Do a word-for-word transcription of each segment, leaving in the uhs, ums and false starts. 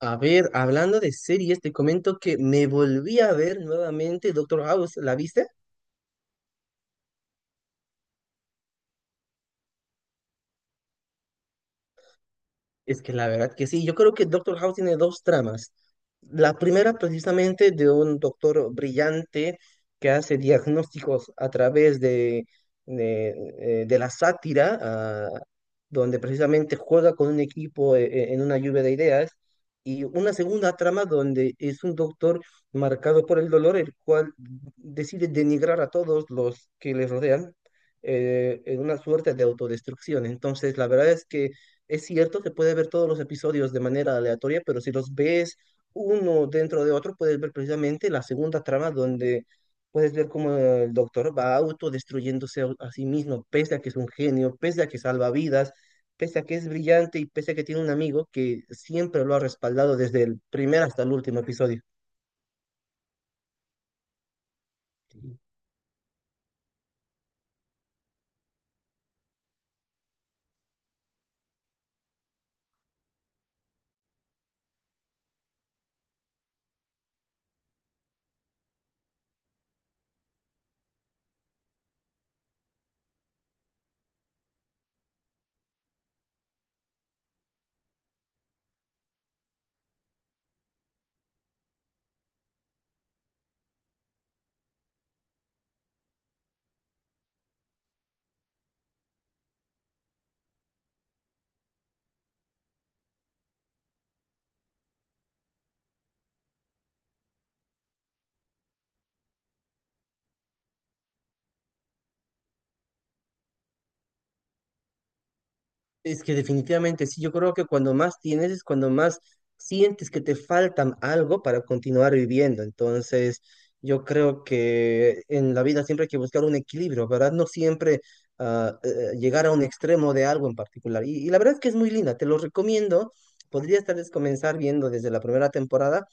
A ver, hablando de series, te comento que me volví a ver nuevamente Doctor House. ¿La viste? Es que la verdad que sí, yo creo que Doctor House tiene dos tramas. La primera precisamente de un doctor brillante que hace diagnósticos a través de, de, eh, de la sátira, ah, donde precisamente juega con un equipo eh, eh, en una lluvia de ideas, y una segunda trama donde es un doctor marcado por el dolor, el cual decide denigrar a todos los que le rodean eh, en una suerte de autodestrucción. Entonces, la verdad es que... Es cierto que puedes ver todos los episodios de manera aleatoria, pero si los ves uno dentro de otro, puedes ver precisamente la segunda trama donde puedes ver cómo el doctor va autodestruyéndose a, a sí mismo, pese a que es un genio, pese a que salva vidas, pese a que es brillante y pese a que tiene un amigo que siempre lo ha respaldado desde el primer hasta el último episodio. Es que definitivamente sí, yo creo que cuando más tienes es cuando más sientes que te faltan algo para continuar viviendo. Entonces, yo creo que en la vida siempre hay que buscar un equilibrio, ¿verdad? No siempre ah, eh, llegar a un extremo de algo en particular. Y, y la verdad es que es muy linda, te lo recomiendo. Podrías tal vez comenzar viendo desde la primera temporada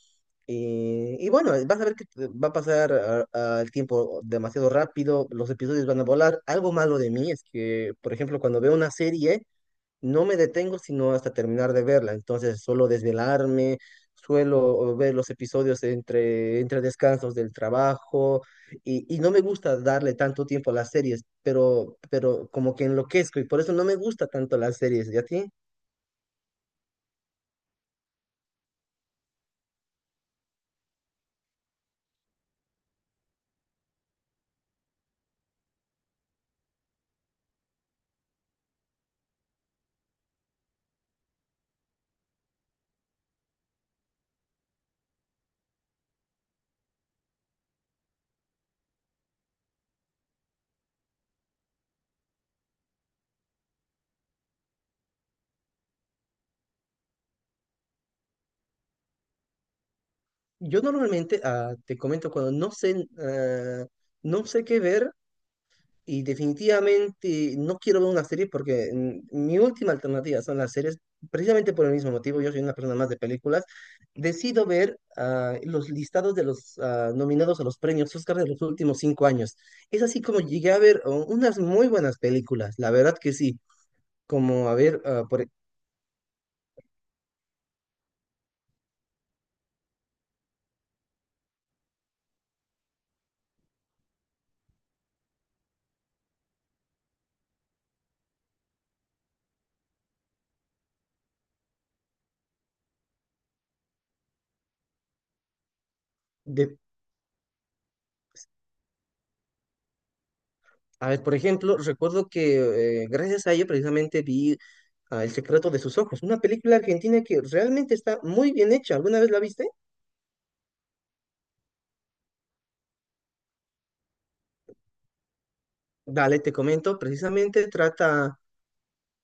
y, y bueno, vas a ver que te- va a pasar ah, ah, el tiempo demasiado rápido, los episodios van a volar. Algo malo de mí es que, por ejemplo, cuando veo una serie, no me detengo sino hasta terminar de verla. Entonces suelo desvelarme, suelo ver los episodios entre, entre descansos del trabajo y, y no me gusta darle tanto tiempo a las series, pero, pero como que enloquezco y por eso no me gusta tanto las series. ¿Y a ti? Yo normalmente, ah, te comento, cuando no sé, ah, no sé qué ver, y definitivamente no quiero ver una serie porque mm, mi última alternativa son las series, precisamente por el mismo motivo, yo soy una persona más de películas, decido ver ah, los listados de los ah, nominados a los premios Oscar de los últimos cinco años. Es así como llegué a ver oh, unas muy buenas películas, la verdad que sí, como a ver, ah, por, e- de- a ver, por ejemplo, recuerdo que eh, gracias a ello precisamente vi ah, El secreto de sus ojos, una película argentina que realmente está muy bien hecha, ¿alguna vez la viste? Dale, te comento, precisamente trata,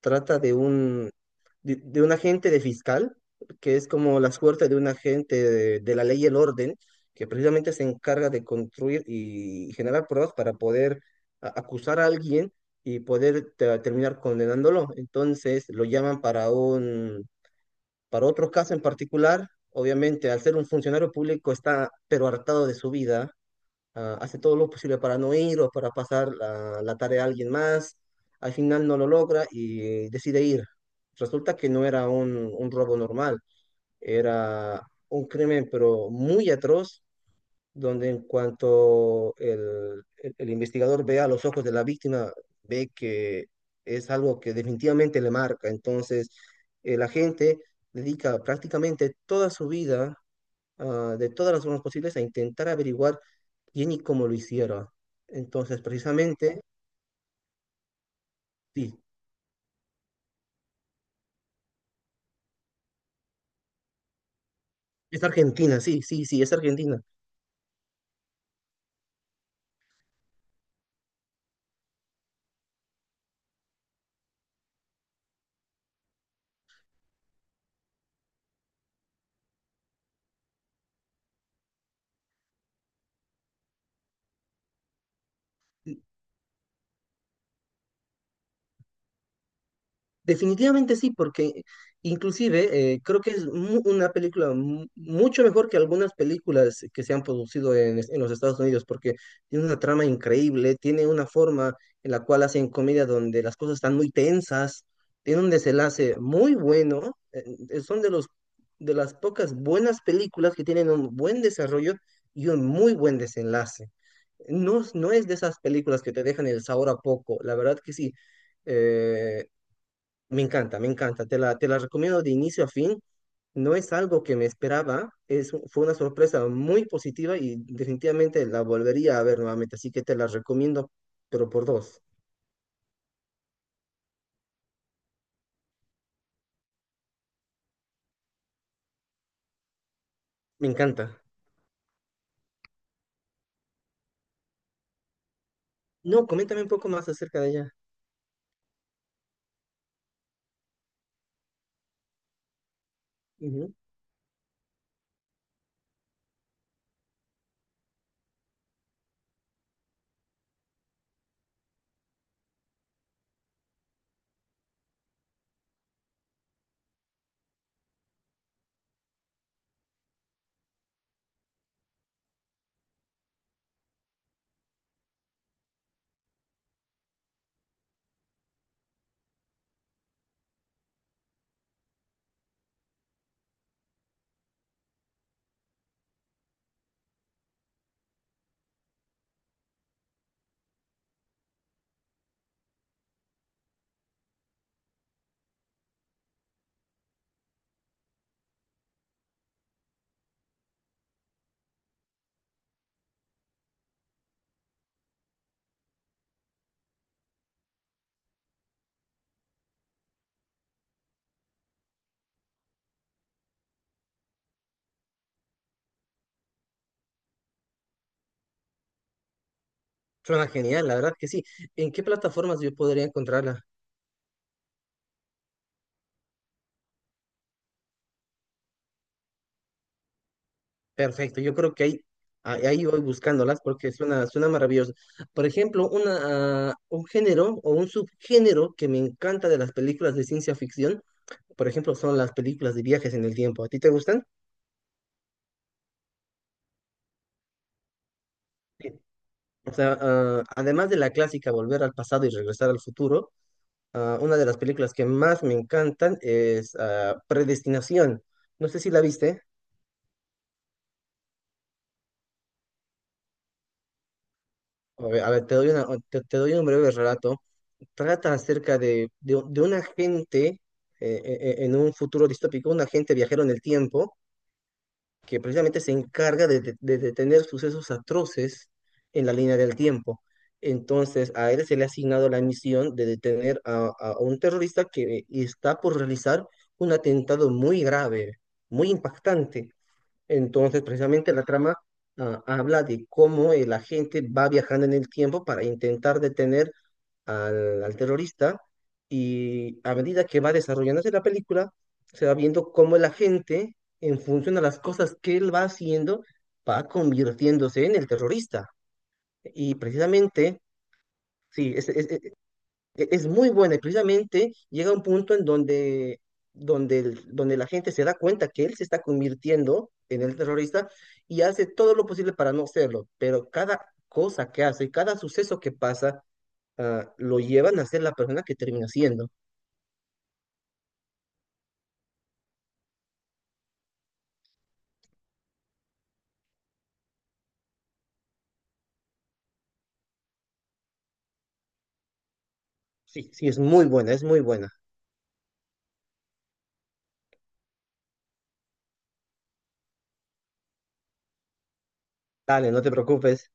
trata de un, de, de un agente de fiscal, que es como la suerte de un agente de, de la ley y el orden, que precisamente se encarga de construir y generar pruebas para poder a- acusar a alguien y poder te- terminar condenándolo. Entonces lo llaman para un, para otro caso en particular. Obviamente, al ser un funcionario público está pero hartado de su vida, ah, hace todo lo posible para no ir o para pasar la, la tarea a alguien más, al final no lo logra y decide ir. Resulta que no era un, un robo normal, era un crimen pero muy atroz, donde en cuanto el, el- el investigador ve a los ojos de la víctima, ve que es algo que definitivamente le marca. Entonces, eh, la gente dedica prácticamente toda su vida, ah, de todas las formas posibles a intentar averiguar quién y cómo lo hicieron. Entonces, precisamente, sí, es Argentina, sí, sí, sí, es Argentina. Definitivamente sí, porque inclusive eh, creo que es mu- una película mu- mucho mejor que algunas películas que se han producido en, es- en los Estados Unidos, porque tiene una trama increíble, tiene una forma en la cual hacen comedia donde las cosas están muy tensas, tiene un desenlace muy bueno, eh, eh, son de los de las pocas buenas películas que tienen un buen desarrollo y un muy buen desenlace. No, es- no es de esas películas que te dejan el sabor a poco, la verdad que sí. Eh, Me encanta, me encanta. Te la, te la recomiendo de inicio a fin. No es algo que me esperaba, es, fue una sorpresa muy positiva y definitivamente la volvería a ver nuevamente, así que te la recomiendo, pero por dos. Me encanta. No, coméntame un poco más acerca de ella. Ujú. Suena genial, la verdad que sí. ¿En qué plataformas yo podría encontrarla? Perfecto, yo creo que ahí, ahí ahí voy buscándolas porque suena, suena maravilloso. Por ejemplo, una, ah, un género o un subgénero que me encanta de las películas de ciencia ficción, por ejemplo, son las películas de viajes en el tiempo. ¿A ti te gustan? Sí. O sea, ah, además de la clásica Volver al pasado y regresar al futuro, ah, una de las películas que más me encantan es ah, Predestinación. No sé si la viste. A ver, a ver, te doy una- te, te doy un breve relato. Trata acerca de, de, de un agente eh, eh, eh, en un futuro distópico, un agente viajero en el tiempo que precisamente se encarga de, de- de detener sucesos atroces en la línea del tiempo. Entonces, a él se le ha asignado la misión de detener a, a un terrorista que está por realizar un atentado muy grave, muy impactante. Entonces, precisamente la trama, ah, habla de cómo el agente va viajando en el tiempo para intentar detener al, al terrorista y a medida que va desarrollándose la película, se va viendo cómo la gente, en función a las cosas que él va haciendo, va convirtiéndose en el terrorista. Y precisamente, sí, es, es- es- es muy buena y precisamente llega un punto en donde, donde, el- donde la gente se da cuenta que él se está convirtiendo en el terrorista y hace todo lo posible para no serlo, pero cada cosa que hace, cada suceso que pasa, ah, lo llevan a ser la persona que termina siendo. Sí, sí, es muy buena, es muy buena. Dale, no te preocupes.